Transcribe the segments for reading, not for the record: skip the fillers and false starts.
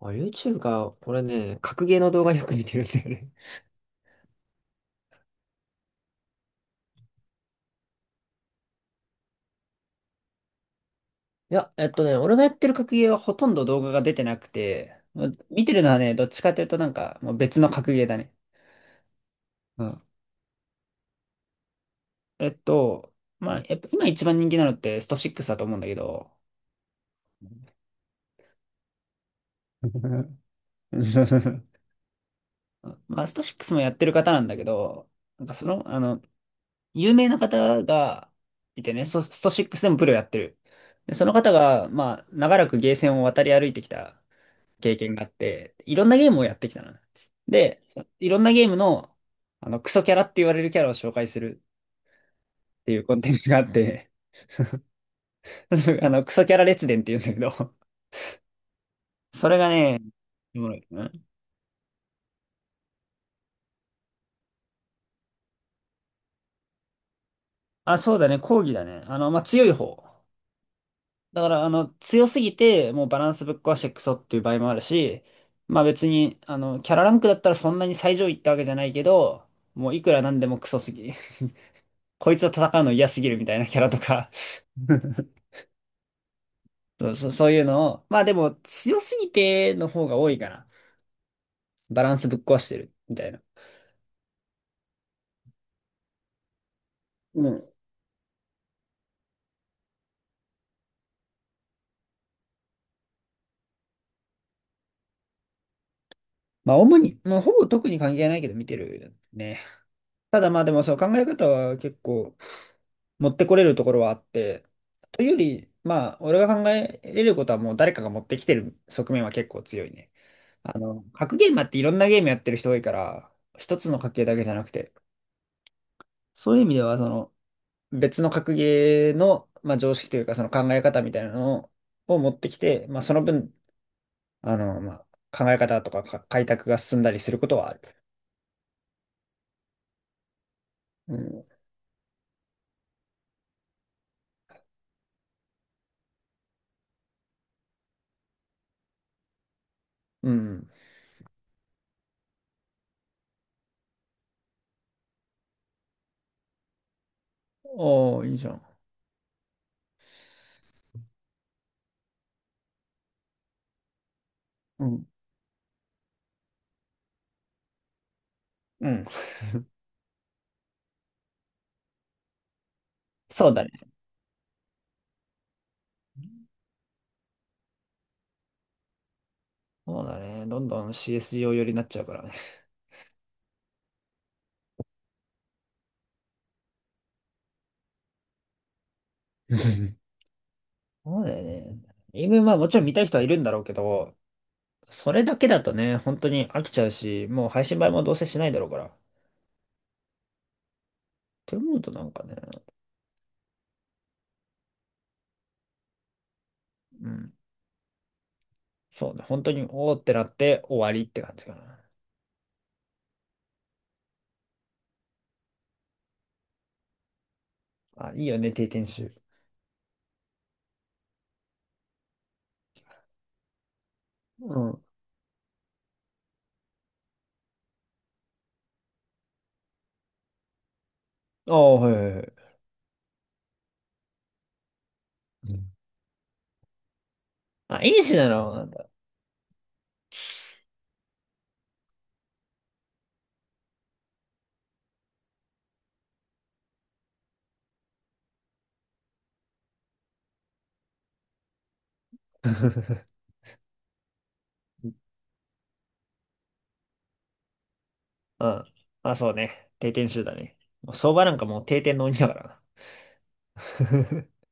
あ、YouTube か。俺ね、格ゲーの動画よく見てるんだよね。いや、俺がやってる格ゲーはほとんど動画が出てなくて、ま見てるのはね、どっちかというともう別の格ゲーだね。うん。えっと、まあ、やっぱ今一番人気なのってスト6だと思うんだけど、まあ、スト6もやってる方なんだけど、なんかその、あの、有名な方がいてね、スト6でもプロやってる。で、その方が、まあ、長らくゲーセンを渡り歩いてきた経験があって、いろんなゲームをやってきたの。で、そいろんなゲームの、クソキャラって言われるキャラを紹介するっていうコンテンツがあって、クソキャラ列伝って言うんだけど、それがね、おもろい。うん。あ、そうだね、講義だね。まあ、強い方。だから、強すぎて、もうバランスぶっ壊してクソっていう場合もあるし、まあ別に、キャラランクだったらそんなに最上位ってわけじゃないけど、もういくらなんでもクソすぎ。こいつと戦うの嫌すぎるみたいなキャラとか そうそう、そういうのを、まあでも強すぎての方が多いから、バランスぶっ壊してるみたいな。うん。まあ主に、もうほぼ特に関係ないけど見てるね。ただまあでもそう、考え方は結構持ってこれるところはあって、というより、まあ俺が考えれることはもう誰かが持ってきてる側面は結構強いね。格ゲーマーっていろんなゲームやってる人多いから、一つの格ゲーだけじゃなくて、そういう意味ではその、別の格ゲーの、まあ、常識というか、その考え方みたいなのを持ってきて、まあ、その分、あの、まあ、考え方とかか開拓が進んだりすることはある。うん。うん。おー、いいじゃん。うん。うん。そうだね。そうだね。どんどん CSGO 寄りになっちゃうからね。そうだよね。今、まあもちろん見たい人はいるんだろうけど、それだけだとね、本当に飽きちゃうし、もう配信映えもどうせしないだろうから。って思うとなんかね、うん。そうね。本当に、おーってなって終わりって感じかな。あ、いいよね、定点集。うん。ああ、はいはいはい。うん。あ、いいしなの、なんだ。うん。あ、そうね。定点集だね。まあ相場なんかもう定点の鬼だからな。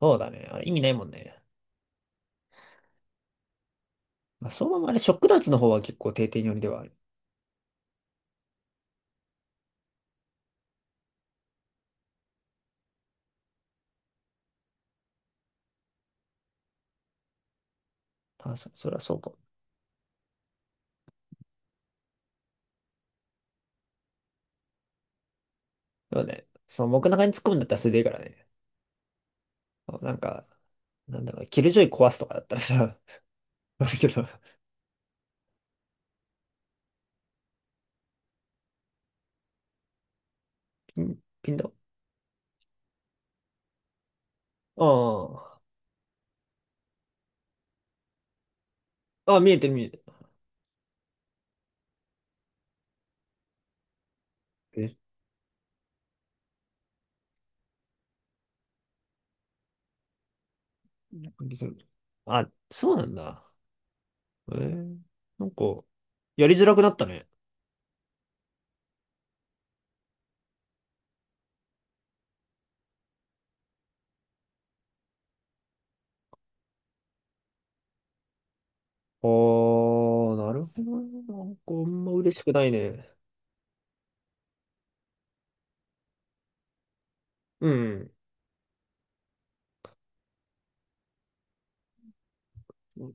そうだね。あれ意味ないもんね。まあ、相場もあれ、ショック脱の方は結構定点寄りではある。あ、そ、それはそうかも。でもね、その僕の中に突っ込むんだったらそれでいいからね。そうなんか、なんだろうね、キルジョイ壊すとかだったらさ、あるけど、ピン、ピンだ。ああ、あ、見えてる見えてる。なんかそう、あ、そうなんだ。えー、なんか、やりづらくなったね。あー、なるほどね。なんか、あんま嬉しくないね。うん。うん。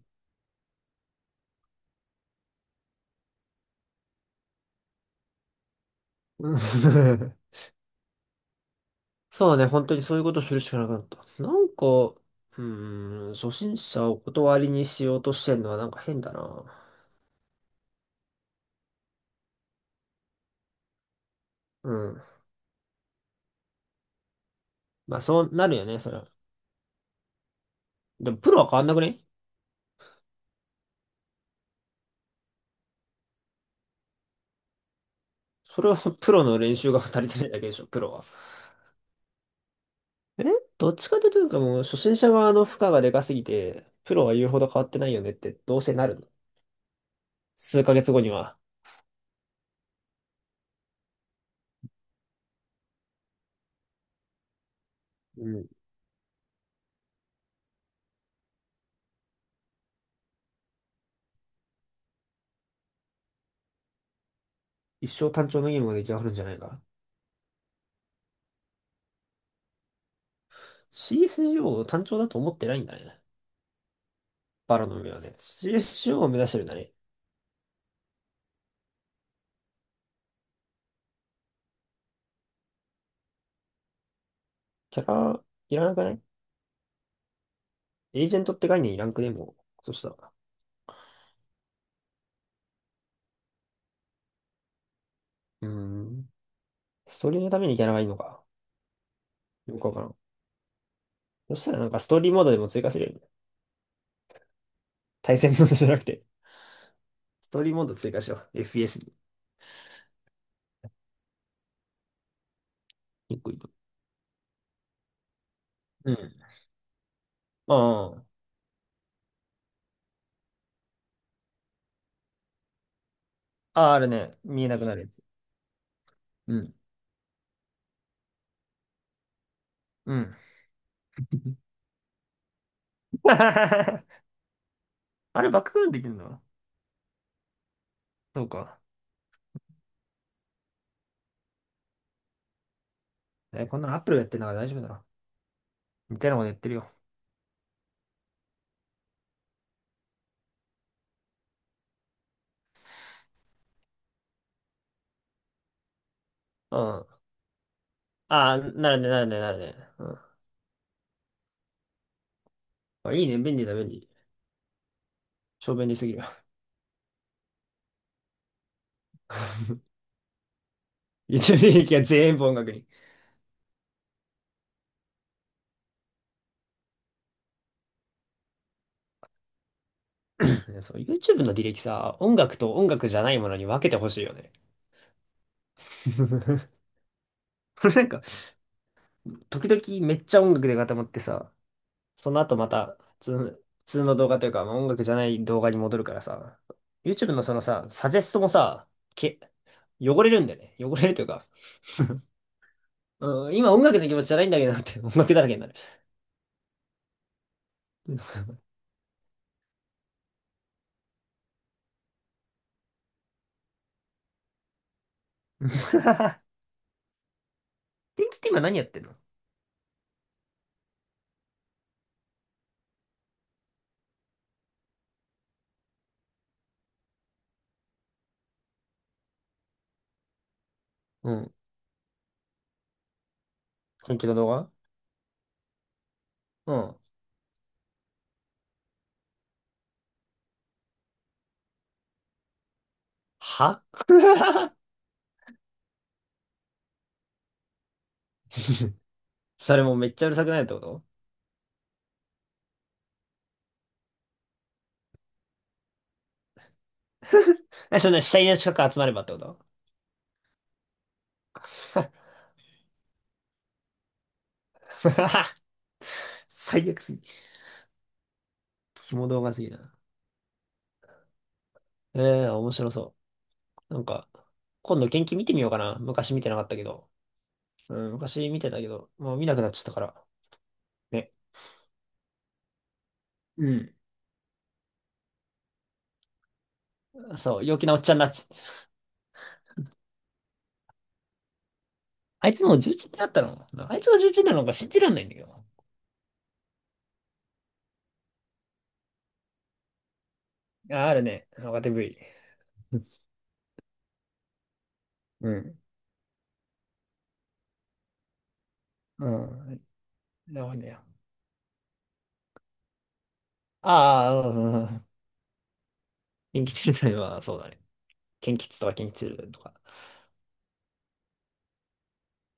そうね、本当にそういうことするしかなくなった。なんか、うーん、初心者をお断りにしようとしてんのはなんか変だな。うん。まあ、そうなるよね、それは。でも、プロは変わんなくね？それは プロの練習が足りてないだけでしょ、プロは。え、どっちかというと、もう初心者側の負荷がでかすぎて、プロは言うほど変わってないよねって、どうせなるの。数ヶ月後には。うん。一生単調のゲームが出来上がるんじゃないか。CSGO を単調だと思ってないんだね。バラの海はね。CSGO を目指してるんだね。キャラ、いらなくない？エージェントって概念いらんくね、もう。そしたら。うーん。ストーリーのためにキャラがいいのか。よくわからん。そしたらなんかストーリーモードでも追加するよね。対戦モードじゃなくて。ストーリーモード追加しよう。FPS に。一個いいと。うん。まあ、あ、あるね。見えなくなるやつ。うん。うん。あれ、バックグラウンドできるの？そうか。え、こんなのアップルがやってるのから大丈夫だろ。みたいなことやってるよ。うん。ああ、なるね、なるね、なるね。うん。あ、いいね、便利だ、便利。超便利すぎる。YouTube の履歴は全部音楽に。ねそう、YouTube の履歴さ、音楽と音楽じゃないものに分けてほしいよね。なんか、時々めっちゃ音楽で固まってさ、その後また普通の、普通の動画というか、まあ、音楽じゃない動画に戻るからさ、YouTube のそのさ、サジェストもさ、け、汚れるんだよね。汚れるというか、うん、今音楽の気持ちじゃないんだけどなって、音楽だらけになる。うん 天気って今何やってんの？うん。天気の動画？うん。は それもめっちゃうるさくないってこと？え、そんな死体の近く集まればってこと？ 最悪すぎ。肝動画すぎな。ええー、面白そう。なんか、今度元気見てみようかな。昔見てなかったけど。うん、昔見てたけど、もう見なくなっちゃったから。ね。うん。そう、陽気なおっちゃんになっち。あいつもう11ってなったの？あいつが重1なのか信じらんないんだけど。あ、あるね。若手 V。うん。うん。なるほどね。ああ、うん。うん。キンキチルドレンは、そうだね。キンキツとかキンキチルドレンとか。